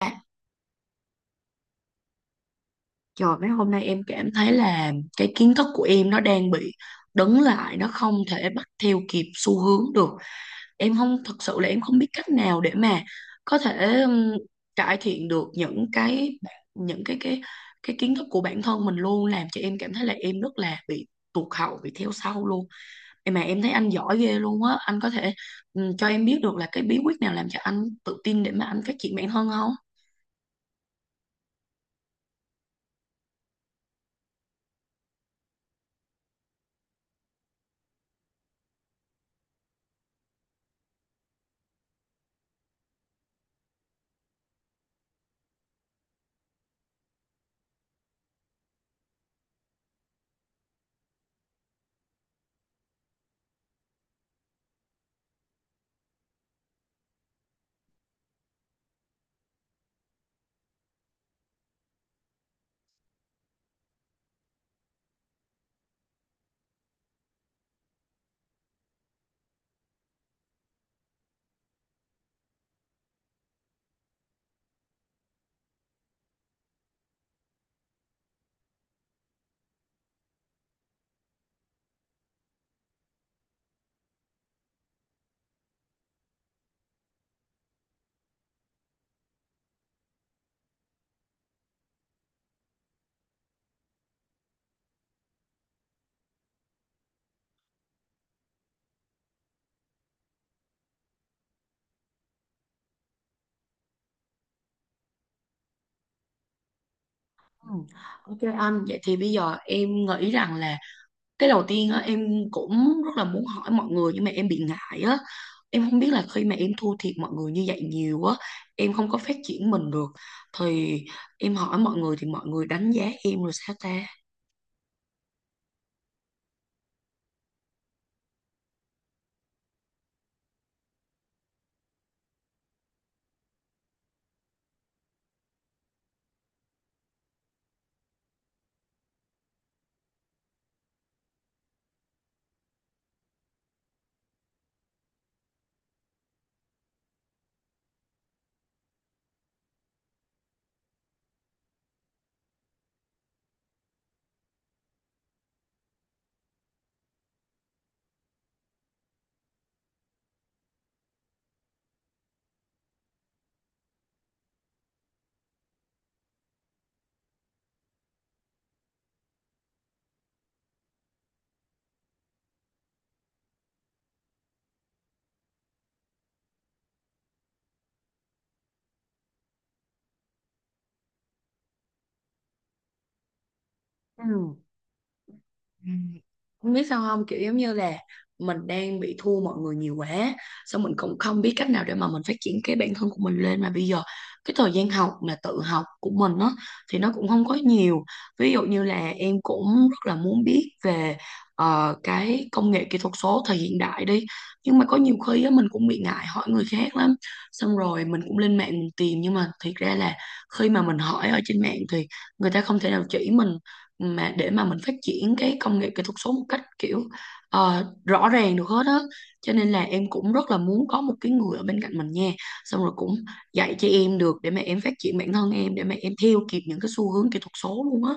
À, trời mấy hôm nay em cảm thấy là cái kiến thức của em nó đang bị đứng lại, nó không thể bắt theo kịp xu hướng được. Em không thật sự là em không biết cách nào để mà có thể cải thiện được những cái kiến thức của bản thân mình, luôn làm cho em cảm thấy là em rất là bị tụt hậu, bị theo sau luôn. Em mà em thấy anh giỏi ghê luôn á, anh có thể cho em biết được là cái bí quyết nào làm cho anh tự tin để mà anh phát triển bản thân không? Ừ. Ok anh, vậy thì bây giờ em nghĩ rằng là cái đầu tiên á, em cũng rất là muốn hỏi mọi người nhưng mà em bị ngại á, em không biết là khi mà em thua thiệt mọi người như vậy nhiều á, em không có phát triển mình được, thì em hỏi mọi người thì mọi người đánh giá em rồi sao ta? Ừ. Ừ. Không biết sao không, kiểu giống như là mình đang bị thua mọi người nhiều quá, xong mình cũng không biết cách nào để mà mình phát triển cái bản thân của mình lên. Mà bây giờ cái thời gian học mà tự học của mình á thì nó cũng không có nhiều. Ví dụ như là em cũng rất là muốn biết về cái công nghệ kỹ thuật số thời hiện đại đi, nhưng mà có nhiều khi á mình cũng bị ngại hỏi người khác lắm, xong rồi mình cũng lên mạng mình tìm, nhưng mà thiệt ra là khi mà mình hỏi ở trên mạng thì người ta không thể nào chỉ mình mà để mà mình phát triển cái công nghệ kỹ thuật số một cách kiểu rõ ràng được hết á. Cho nên là em cũng rất là muốn có một cái người ở bên cạnh mình nha, xong rồi cũng dạy cho em được để mà em phát triển bản thân em, để mà em theo kịp những cái xu hướng kỹ thuật số luôn á.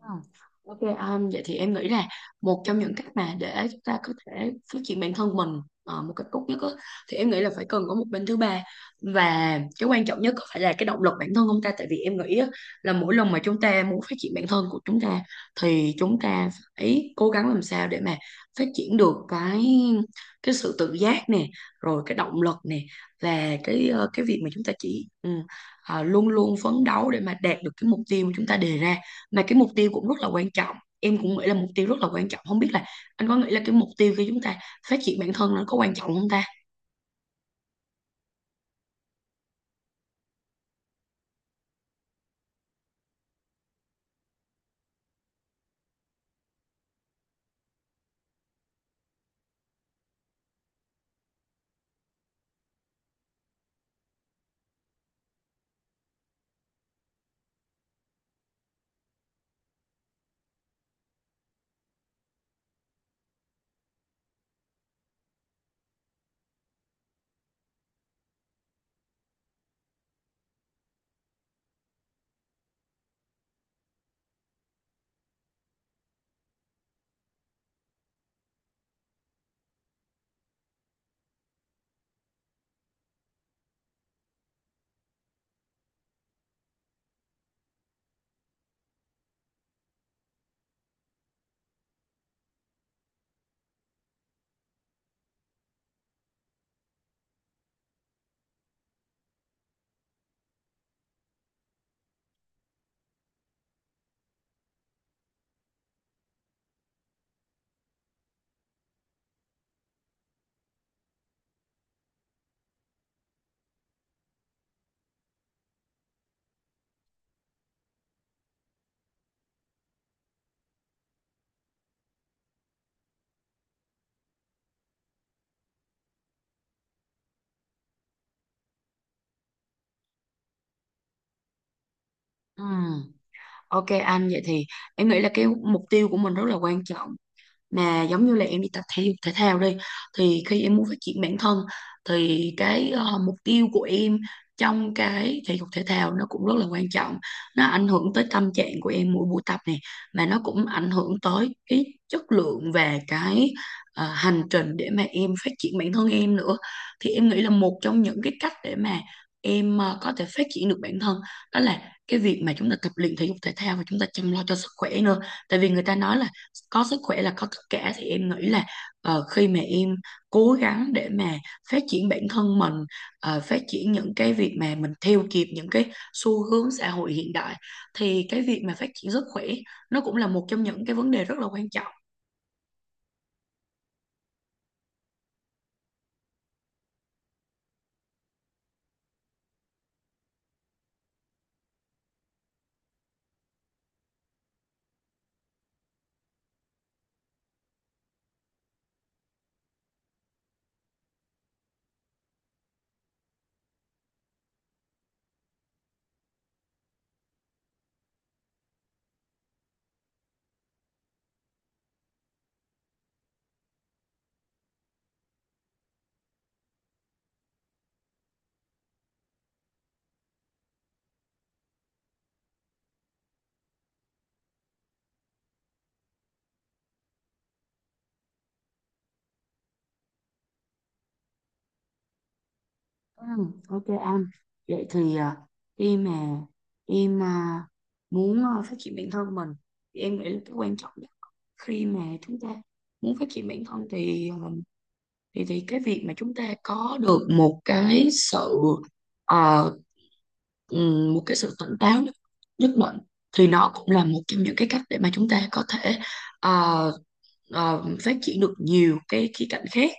Ờ, ok, vậy thì em nghĩ là một trong những cách mà để chúng ta có thể phát triển bản thân mình một cách tốt nhất á, thì em nghĩ là phải cần có một bên thứ ba, và cái quan trọng nhất có phải là cái động lực bản thân không ta? Tại vì em nghĩ á, là mỗi lần mà chúng ta muốn phát triển bản thân của chúng ta thì chúng ta phải cố gắng làm sao để mà phát triển được cái sự tự giác nè, rồi cái động lực nè, và cái cái việc mà chúng ta chỉ luôn luôn phấn đấu để mà đạt được cái mục tiêu mà chúng ta đề ra. Mà cái mục tiêu cũng rất là quan trọng, em cũng nghĩ là mục tiêu rất là quan trọng. Không biết là anh có nghĩ là cái mục tiêu khi chúng ta phát triển bản thân nó có quan trọng không ta? Ừm, ok anh, vậy thì em nghĩ là cái mục tiêu của mình rất là quan trọng. Mà giống như là em đi tập thể dục thể thao đi, thì khi em muốn phát triển bản thân thì cái mục tiêu của em trong cái thể dục thể thao nó cũng rất là quan trọng. Nó ảnh hưởng tới tâm trạng của em mỗi buổi tập này, mà nó cũng ảnh hưởng tới cái chất lượng và cái hành trình để mà em phát triển bản thân em nữa. Thì em nghĩ là một trong những cái cách để mà em có thể phát triển được bản thân, đó là cái việc mà chúng ta tập luyện thể dục thể thao và chúng ta chăm lo cho sức khỏe nữa. Tại vì người ta nói là có sức khỏe là có tất cả, thì em nghĩ là khi mà em cố gắng để mà phát triển bản thân mình, phát triển những cái việc mà mình theo kịp những cái xu hướng xã hội hiện đại, thì cái việc mà phát triển sức khỏe nó cũng là một trong những cái vấn đề rất là quan trọng. Ừ, ok anh. Vậy thì à, khi mà em à, muốn à, phát triển bản thân mình, thì em nghĩ là cái quan trọng nhất khi mà chúng ta muốn phát triển bản thân thì à, thì cái việc mà chúng ta có được một cái sự ờ, một cái sự tỉnh táo nhất, nhất định, thì nó cũng là một trong những cái cách để mà chúng ta có thể ờ, phát triển được nhiều cái khía cạnh khác.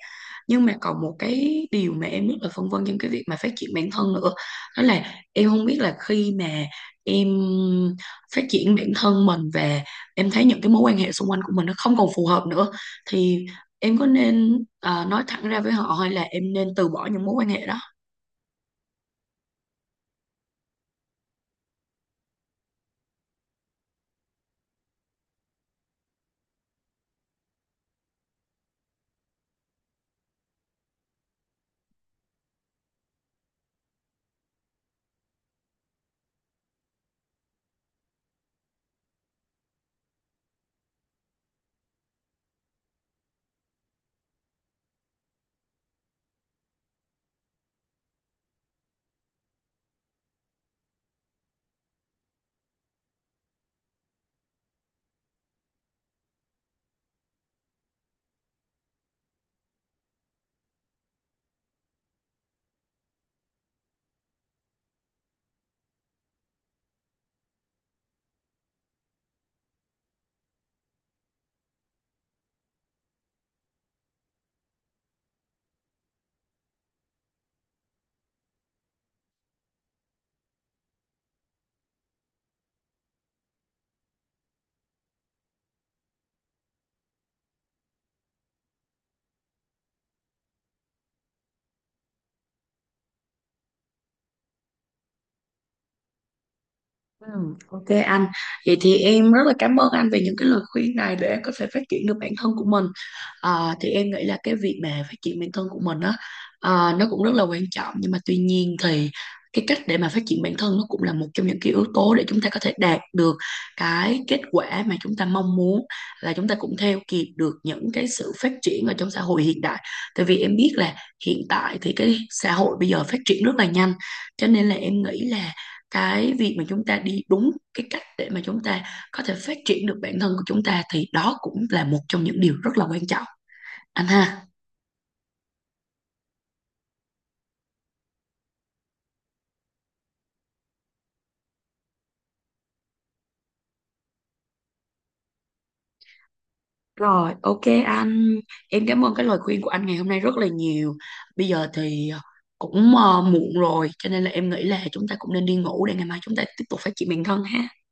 Nhưng mà còn một cái điều mà em rất là phân vân trong cái việc mà phát triển bản thân nữa, đó là em không biết là khi mà em phát triển bản thân mình và em thấy những cái mối quan hệ xung quanh của mình nó không còn phù hợp nữa, thì em có nên nói thẳng ra với họ, hay là em nên từ bỏ những mối quan hệ đó? Ừ, ok anh. Vậy thì em rất là cảm ơn anh về những cái lời khuyên này để em có thể phát triển được bản thân của mình. À, thì em nghĩ là cái việc mà phát triển bản thân của mình á, à, nó cũng rất là quan trọng, nhưng mà tuy nhiên thì cái cách để mà phát triển bản thân nó cũng là một trong những cái yếu tố để chúng ta có thể đạt được cái kết quả mà chúng ta mong muốn, là chúng ta cũng theo kịp được những cái sự phát triển ở trong xã hội hiện đại. Tại vì em biết là hiện tại thì cái xã hội bây giờ phát triển rất là nhanh, cho nên là em nghĩ là cái việc mà chúng ta đi đúng cái cách để mà chúng ta có thể phát triển được bản thân của chúng ta, thì đó cũng là một trong những điều rất là quan trọng anh ha. Rồi ok anh, em cảm ơn cái lời khuyên của anh ngày hôm nay rất là nhiều. Bây giờ thì cũng muộn rồi, cho nên là em nghĩ là chúng ta cũng nên đi ngủ để ngày mai chúng ta tiếp tục phát triển bản thân ha.